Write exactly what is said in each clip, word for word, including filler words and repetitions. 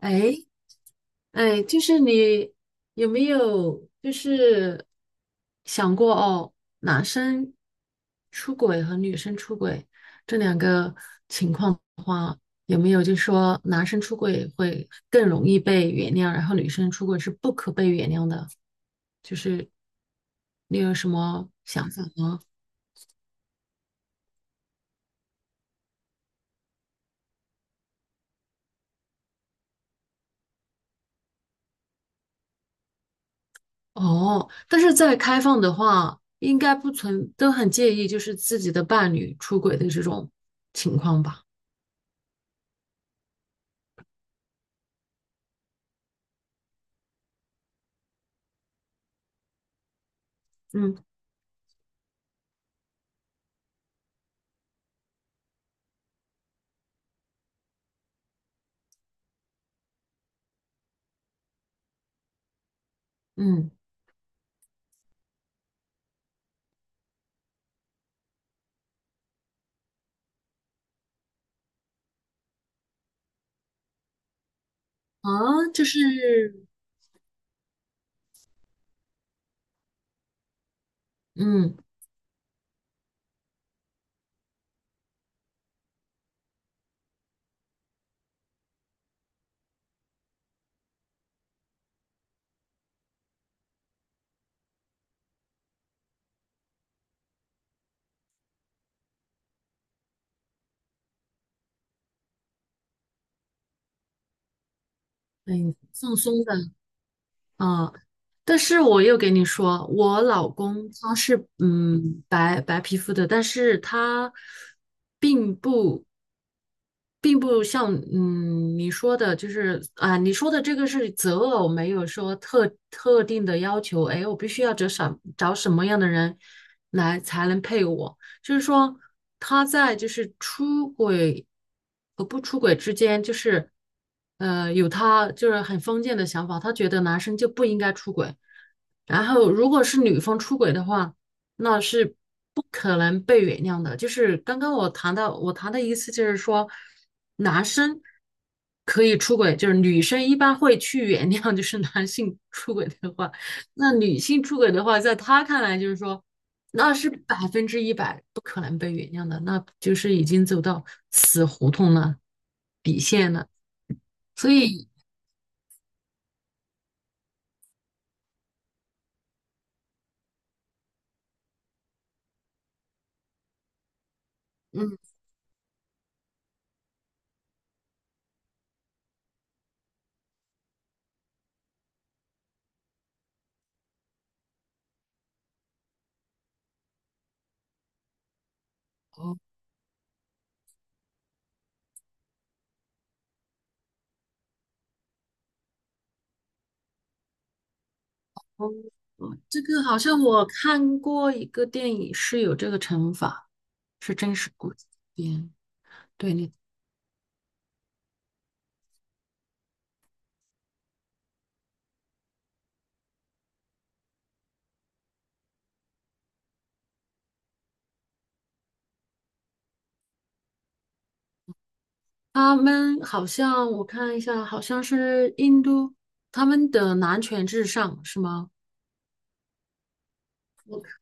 哎哎，就是你有没有就是想过哦，男生出轨和女生出轨这两个情况的话，有没有就是说男生出轨会更容易被原谅，然后女生出轨是不可被原谅的？就是你有什么想法吗？哦，但是在开放的话，应该不存，都很介意就是自己的伴侣出轨的这种情况吧？嗯嗯啊，就是嗯很放松的啊。但是我又给你说，我老公他是嗯白白皮肤的，但是他并不。并不像嗯你说的，就是啊，你说的这个是择偶，没有说特特定的要求。哎，我必须要找什找什么样的人来才能配我？就是说他在就是出轨和不出轨之间，就是呃有他就是很封建的想法，他觉得男生就不应该出轨。然后如果是女方出轨的话，那是不可能被原谅的。就是刚刚我谈到我谈的意思就是说。男生可以出轨，就是女生一般会去原谅，就是男性出轨的话，那女性出轨的话，在他看来就是说，那是百分之一百不可能被原谅的，那就是已经走到死胡同了，底线了。所以，嗯，哦，哦哦这个好像我看过一个电影是有这个惩罚，是真实故事改编。对，你他们好像我看一下，好像是印度，他们的男权至上是吗？我看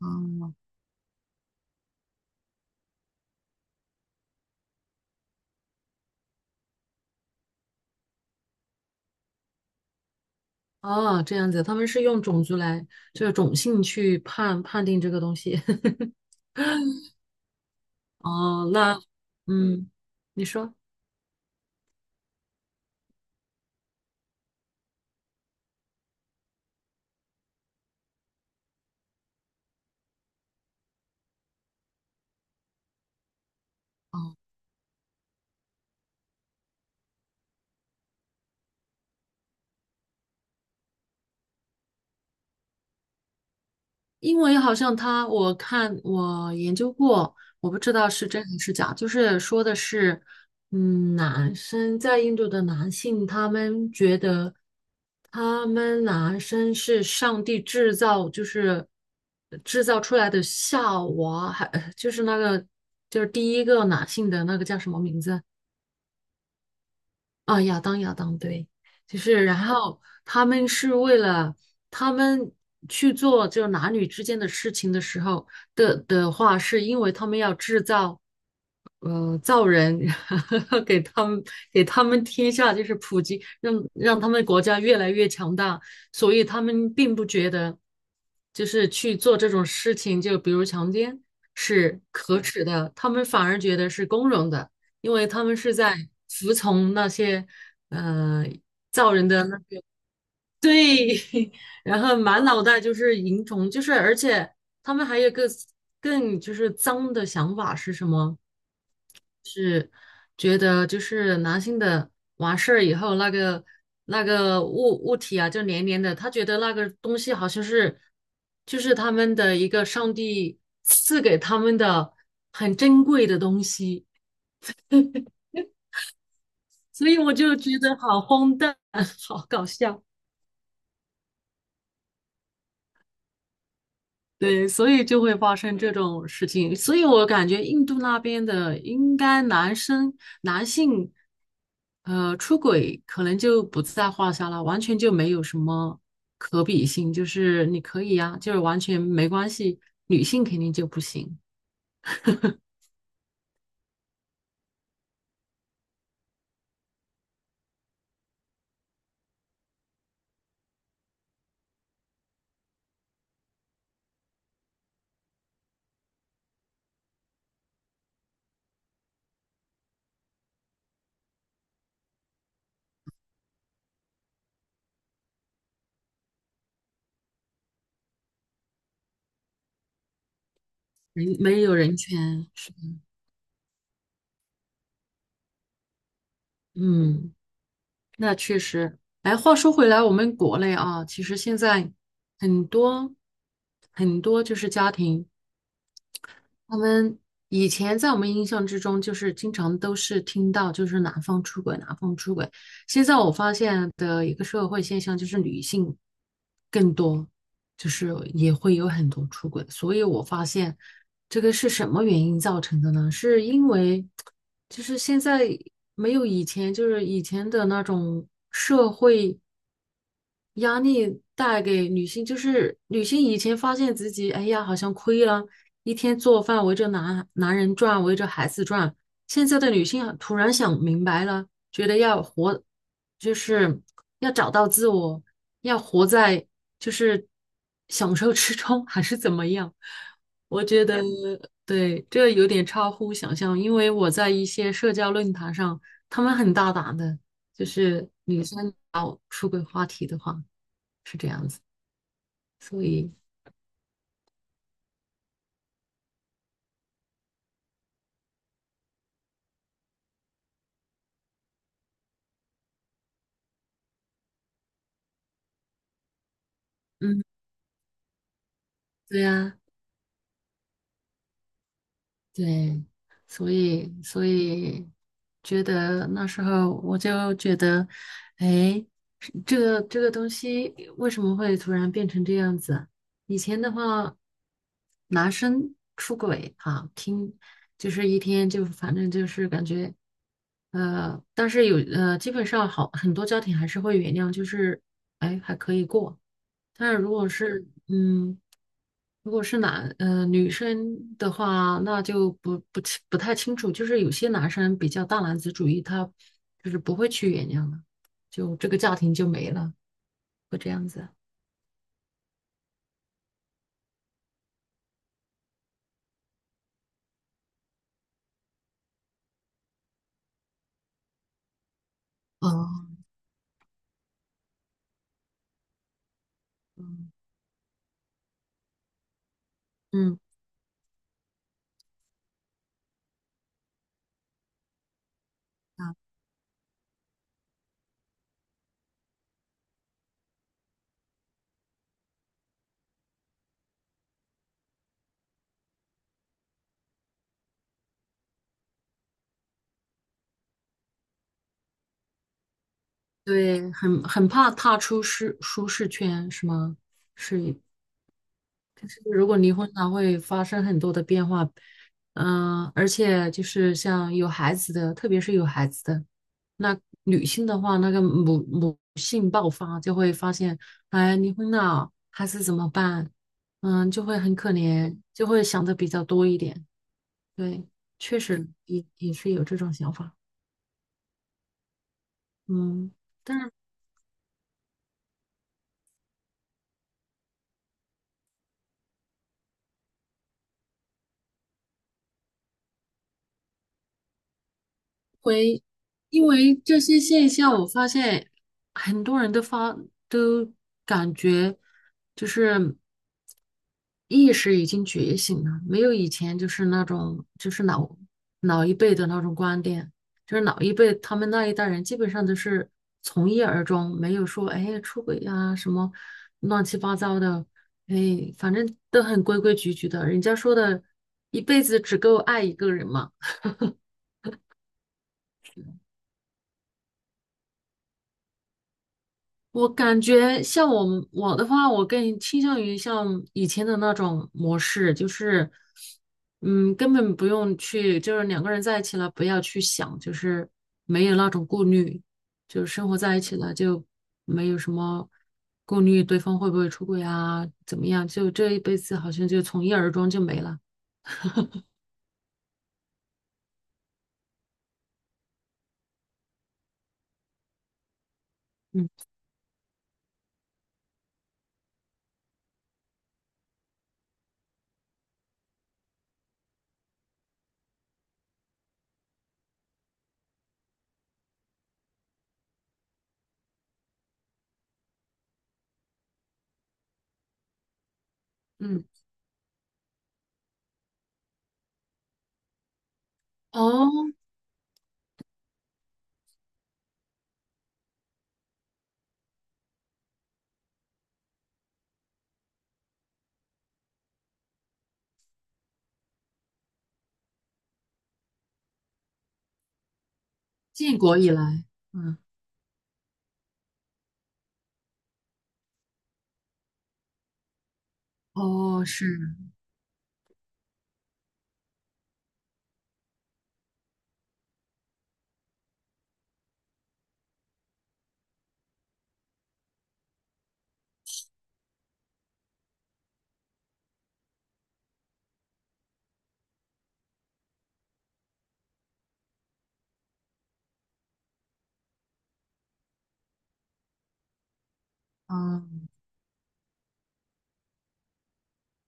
哦哦，这样子，他们是用种族来，就是种姓去判判定这个东西。哦，那嗯，你说。哦。因为好像他，我看我研究过，我不知道是真还是假，就是说的是，嗯，男生在印度的男性，他们觉得他们男生是上帝制造，就是制造出来的夏娃，还就是那个就是第一个男性的那个叫什么名字？啊，亚当亚当，对，就是然后他们是为了他们去做就男女之间的事情的时候的的话，是因为他们要制造呃造人，给他们给他们天下就是普及，让让他们国家越来越强大，所以他们并不觉得就是去做这种事情，就比如强奸是可耻的，他们反而觉得是光荣的。因为他们是在服从那些呃造人的对，然后满脑袋就是蝇虫，就是而且他们还有一个更就是脏的想法是什么？是觉得就是男性的完事儿以后，那个那个物物体啊，就黏黏的，他觉得那个东西好像是就是他们的一个上帝赐给他们的很珍贵的东西。所以我就觉得好荒诞，好搞笑。对，所以就会发生这种事情。所以我感觉印度那边的应该男生男性，呃，出轨可能就不在话下了，完全就没有什么可比性。就是你可以呀、就是完全没关系。女性肯定就不行，人没有人权。是嗯。那确实，哎，话说回来，我们国内啊，其实现在很多很多就是家庭，我们以前在我们印象之中，就是经常都是听到就是男方出轨，男方出轨。现在我发现的一个社会现象就是女性更多，就是也会有很多出轨。所以我发现这个是什么原因造成的呢？是因为就是现在没有以前，就是以前的那种社会。压力带给女性，就是女性以前发现自己，哎呀，好像亏了，一天做饭围着男男人转，围着孩子转。现在的女性啊突然想明白了，觉得要活，就是要找到自我，要活在就是享受之中，还是怎么样？我觉得对，这有点超乎想象，因为我在一些社交论坛上，他们很大胆的，就是女生聊出轨话题的话。是这样子，所以，嗯，对呀，对，所以，所以觉得那时候我就觉得，哎，是这个这个东西为什么会突然变成这样子？以前的话，男生出轨啊，听就是一天就反正就是感觉，呃，但是有呃，基本上好很多家庭还是会原谅，就是哎还可以过。但是如果是嗯，如果是男呃女生的话，那就不不清不太清楚。就是有些男生比较大男子主义，他就是不会去原谅的，就这个家庭就没了，会这样子。哦，嗯嗯，啊对，很很怕踏出舒舒适圈，是吗？是，可是如果离婚了，会发生很多的变化，嗯、而且就是像有孩子的，特别是有孩子的，那女性的话，那个母母性爆发，就会发现，哎，离婚了，孩子怎么办？嗯，就会很可怜，就会想的比较多一点。对，确实也也是有这种想法。嗯，但是。回，因为这些现象，我发现很多人都发都感觉就是意识已经觉醒了，没有以前就是那种就是老老一辈的那种观点，就是老一辈他们那一代人基本上都是从一而终，没有说哎出轨呀、什么乱七八糟的，哎反正都很规规矩矩的，人家说的一辈子只够爱一个人嘛。我感觉像我们我的话，我更倾向于像以前的那种模式，就是，嗯，根本不用去，就是两个人在一起了，不要去想，就是没有那种顾虑，就是生活在一起了，就没有什么顾虑，对方会不会出轨啊，怎么样，就这一辈子好像就从一而终就没了。嗯，哦，建国以来，嗯，哦，是，啊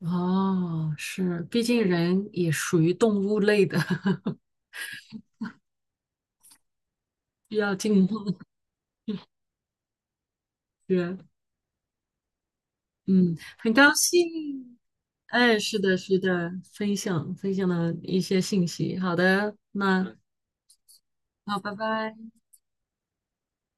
哦，是，毕竟人也属于动物类的，需要进化。是，嗯，很高兴，哎，是的，是的，分享分享了一些信息。好的，那好，拜拜。